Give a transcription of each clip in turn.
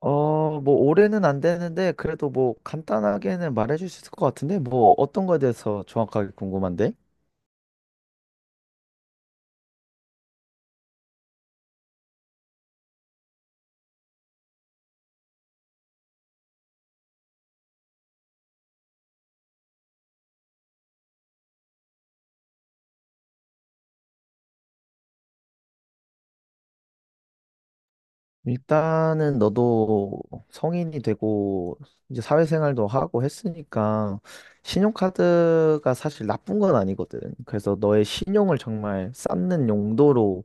뭐, 올해는 안 되는데, 그래도 뭐, 간단하게는 말해줄 수 있을 것 같은데, 뭐, 어떤 거에 대해서 정확하게 궁금한데? 일단은 너도 성인이 되고, 이제 사회생활도 하고 했으니까, 신용카드가 사실 나쁜 건 아니거든. 그래서 너의 신용을 정말 쌓는 용도로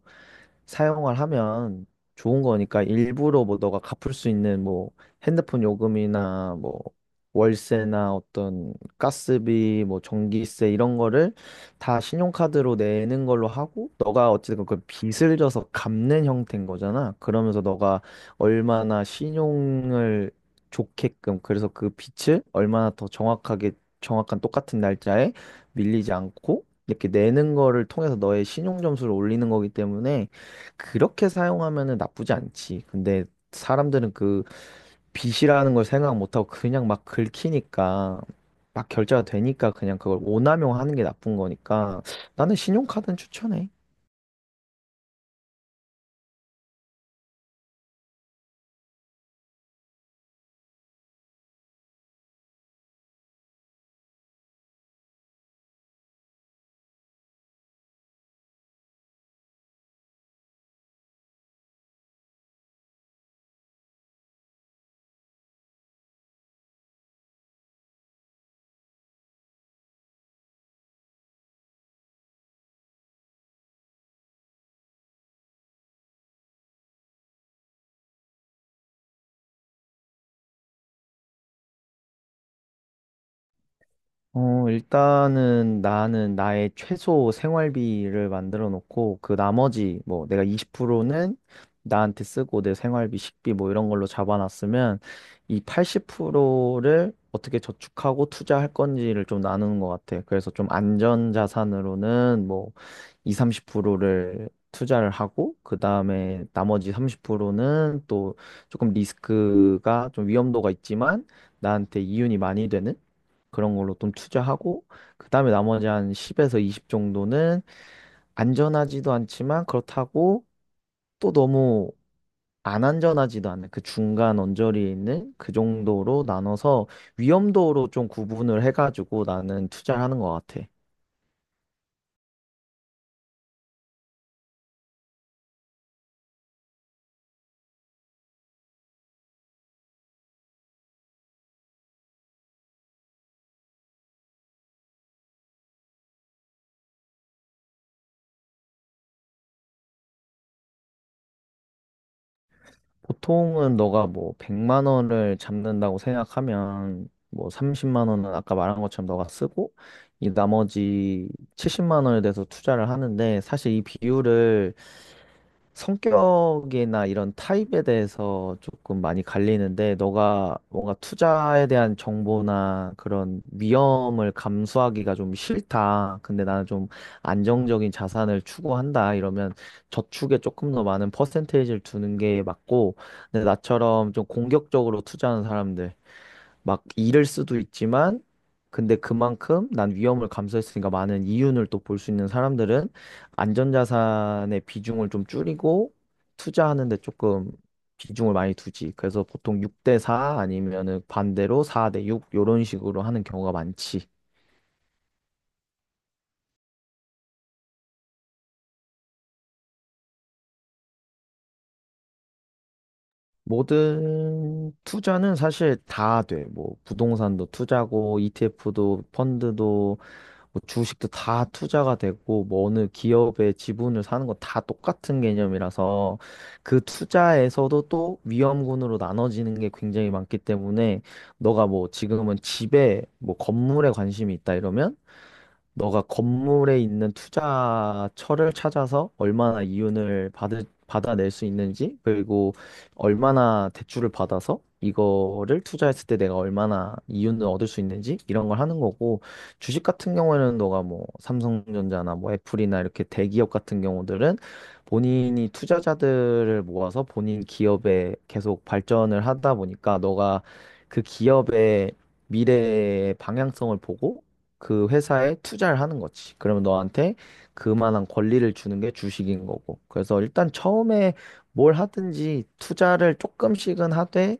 사용을 하면 좋은 거니까, 일부러 뭐 너가 갚을 수 있는 뭐 핸드폰 요금이나, 뭐 월세나, 어떤 가스비, 뭐 전기세, 이런 거를 다 신용카드로 내는 걸로 하고, 너가 어쨌든 그 빚을 져서 갚는 형태인 거잖아. 그러면서 너가 얼마나 신용을 좋게끔, 그래서 그 빚을 얼마나 더 정확하게, 정확한 똑같은 날짜에 밀리지 않고 이렇게 내는 거를 통해서 너의 신용 점수를 올리는 거기 때문에, 그렇게 사용하면은 나쁘지 않지. 근데 사람들은 그 빚이라는 걸 생각 못하고 그냥 막 긁히니까, 막 결제가 되니까, 그냥 그걸 오남용 하는 게 나쁜 거니까. 나는 신용카드는 추천해. 일단은 나는 나의 최소 생활비를 만들어 놓고, 그 나머지, 뭐, 내가 20%는 나한테 쓰고, 내 생활비, 식비, 뭐, 이런 걸로 잡아놨으면, 이 80%를 어떻게 저축하고 투자할 건지를 좀 나누는 것 같아. 그래서 좀 안전 자산으로는 뭐, 2 30%를 투자를 하고, 그 다음에 나머지 30%는 또 조금 리스크가, 좀 위험도가 있지만 나한테 이윤이 많이 되는 그런 걸로 좀 투자하고, 그다음에 나머지 한 10에서 20 정도는 안전하지도 않지만, 그렇다고 또 너무 안 안전하지도 않은 그 중간 언저리에 있는, 그 정도로 나눠서 위험도로 좀 구분을 해가지고 나는 투자를 하는 것 같아. 보통은 너가 뭐 100만 원을 잡는다고 생각하면, 뭐 30만 원은 아까 말한 것처럼 너가 쓰고, 이 나머지 70만 원에 대해서 투자를 하는데, 사실 이 비율을 성격이나 이런 타입에 대해서 조금 많이 갈리는데, 너가 뭔가 투자에 대한 정보나 그런 위험을 감수하기가 좀 싫다, 근데 나는 좀 안정적인 자산을 추구한다, 이러면 저축에 조금 더 많은 퍼센테이지를 두는 게 맞고, 근데 나처럼 좀 공격적으로 투자하는 사람들, 막 잃을 수도 있지만 근데 그만큼 난 위험을 감수했으니까 많은 이윤을 또 볼 수 있는 사람들은 안전자산의 비중을 좀 줄이고 투자하는 데 조금 비중을 많이 두지. 그래서 보통 6대 4, 아니면은 반대로 4대 6, 이런 식으로 하는 경우가 많지. 모든 투자는 사실 다 돼. 뭐 부동산도 투자고, ETF도, 펀드도, 뭐 주식도 다 투자가 되고, 뭐 어느 기업의 지분을 사는 건 다 똑같은 개념이라서, 그 투자에서도 또 위험군으로 나눠지는 게 굉장히 많기 때문에, 너가 뭐 지금은 집에, 뭐 건물에 관심이 있다 이러면, 너가 건물에 있는 투자처를 찾아서 얼마나 이윤을 받아낼 수 있는지, 그리고 얼마나 대출을 받아서 이거를 투자했을 때 내가 얼마나 이윤을 얻을 수 있는지, 이런 걸 하는 거고, 주식 같은 경우에는 너가 뭐 삼성전자나 뭐 애플이나, 이렇게 대기업 같은 경우들은 본인이 투자자들을 모아서 본인 기업에 계속 발전을 하다 보니까, 너가 그 기업의 미래의 방향성을 보고 그 회사에 투자를 하는 거지. 그러면 너한테 그만한 권리를 주는 게 주식인 거고. 그래서 일단 처음에 뭘 하든지 투자를 조금씩은 하되,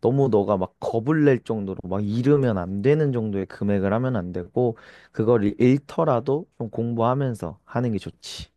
너무 너가 막 겁을 낼 정도로 막 잃으면 안 되는 정도의 금액을 하면 안 되고, 그걸 잃더라도 좀 공부하면서 하는 게 좋지.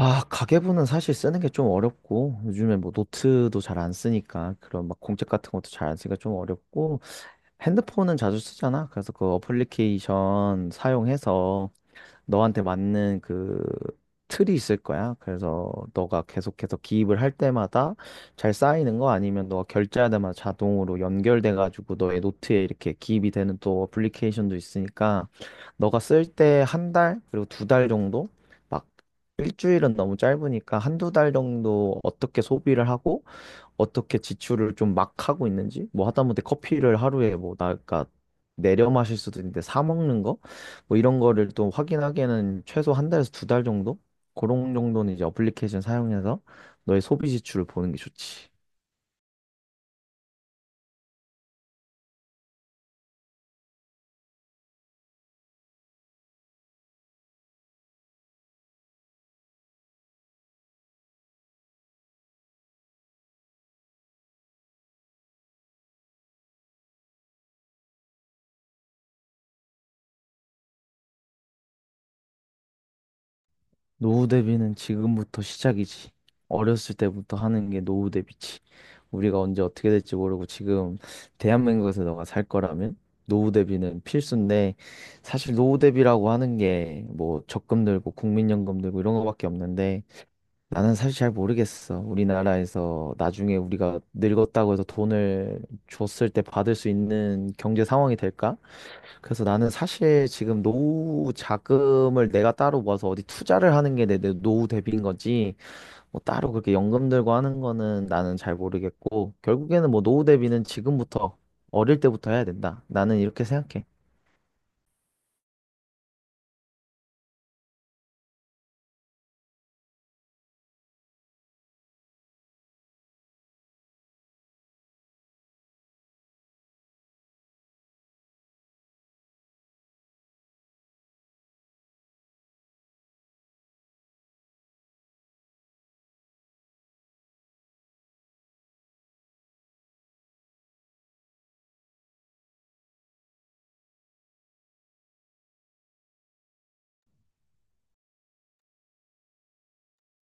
아, 가계부는 사실 쓰는 게 좀 어렵고, 요즘에 뭐 노트도 잘 안 쓰니까, 그런 막 공책 같은 것도 잘 안 쓰니까 좀 어렵고, 핸드폰은 자주 쓰잖아. 그래서 그 어플리케이션 사용해서 너한테 맞는 그 틀이 있을 거야. 그래서 너가 계속해서 기입을 할 때마다 잘 쌓이는 거, 아니면 너가 결제할 때마다 자동으로 연결돼 가지고 너의 노트에 이렇게 기입이 되는 또 어플리케이션도 있으니까, 너가 쓸 때 한 달, 그리고 두 달 정도, 막 일주일은 너무 짧으니까 한 두 달 정도 어떻게 소비를 하고 어떻게 지출을 좀 막 하고 있는지, 뭐 하다못해 커피를 하루에, 뭐, 나, 까 내려 마실 수도 있는데 사 먹는 거? 뭐 이런 거를 또 확인하기에는 최소 한 달에서 두 달 정도? 그런 정도는 이제 어플리케이션 사용해서 너의 소비 지출을 보는 게 좋지. 노후 대비는 지금부터 시작이지. 어렸을 때부터 하는 게 노후 대비지. 우리가 언제 어떻게 될지 모르고, 지금 대한민국에서 너가 살 거라면 노후 대비는 필수인데, 사실 노후 대비라고 하는 게 뭐 적금 들고, 국민연금 들고, 이런 거밖에 없는데, 나는 사실 잘 모르겠어. 우리나라에서 나중에 우리가 늙었다고 해서 돈을 줬을 때 받을 수 있는 경제 상황이 될까? 그래서 나는 사실 지금 노후 자금을 내가 따로 모아서 어디 투자를 하는 게 내 노후 대비인 거지, 뭐 따로 그렇게 연금 들고 하는 거는 나는 잘 모르겠고, 결국에는 뭐 노후 대비는 지금부터, 어릴 때부터 해야 된다. 나는 이렇게 생각해.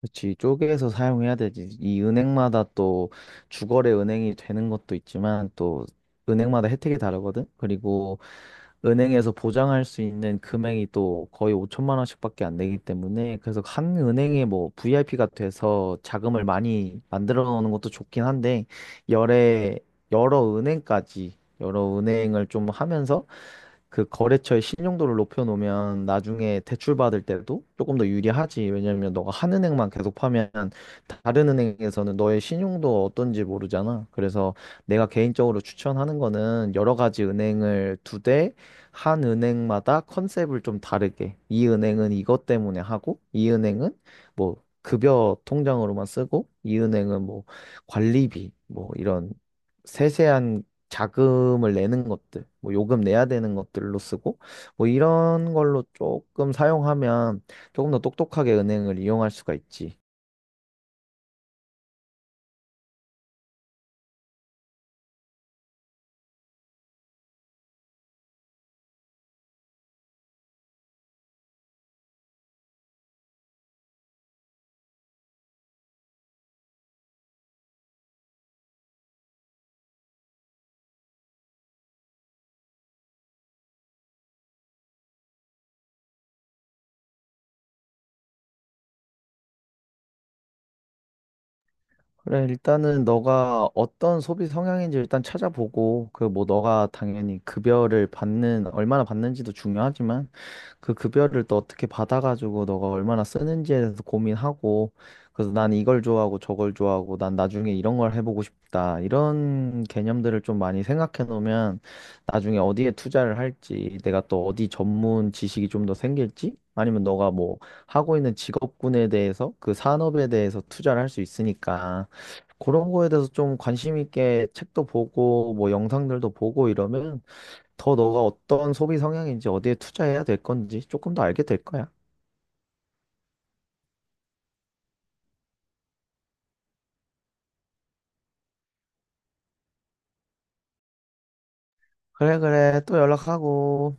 그렇지. 쪼개서 사용해야 되지. 이 은행마다 또 주거래 은행이 되는 것도 있지만, 또 은행마다 혜택이 다르거든. 그리고 은행에서 보장할 수 있는 금액이 또 거의 5천만 원씩밖에 안 되기 때문에, 그래서 한 은행에 뭐 VIP가 돼서 자금을 많이 만들어 놓는 것도 좋긴 한데, 여러 여러 은행까지, 여러 은행을 좀 하면서 그 거래처의 신용도를 높여놓으면 나중에 대출받을 때도 조금 더 유리하지. 왜냐면 너가 한 은행만 계속 파면 다른 은행에서는 너의 신용도 어떤지 모르잖아. 그래서 내가 개인적으로 추천하는 거는 여러 가지 은행을 두 대, 한 은행마다 컨셉을 좀 다르게. 이 은행은 이것 때문에 하고, 이 은행은 뭐 급여 통장으로만 쓰고, 이 은행은 뭐 관리비, 뭐 이런 세세한 자금을 내는 것들, 뭐 요금 내야 되는 것들로 쓰고, 뭐 이런 걸로 조금 사용하면 조금 더 똑똑하게 은행을 이용할 수가 있지. 그래, 일단은 너가 어떤 소비 성향인지 일단 찾아보고, 그 뭐 너가 당연히 급여를 받는, 얼마나 받는지도 중요하지만, 그 급여를 또 어떻게 받아가지고 너가 얼마나 쓰는지에 대해서 고민하고, 그래서 난 이걸 좋아하고, 저걸 좋아하고, 난 나중에 이런 걸 해보고 싶다, 이런 개념들을 좀 많이 생각해 놓으면 나중에 어디에 투자를 할지, 내가 또 어디 전문 지식이 좀 더 생길지, 아니면 너가 뭐 하고 있는 직업군에 대해서, 그 산업에 대해서 투자를 할 수 있으니까, 그런 거에 대해서 좀 관심 있게 책도 보고, 뭐 영상들도 보고, 이러면 더 너가 어떤 소비 성향인지 어디에 투자해야 될 건지 조금 더 알게 될 거야. 그래, 그래. 또 연락하고.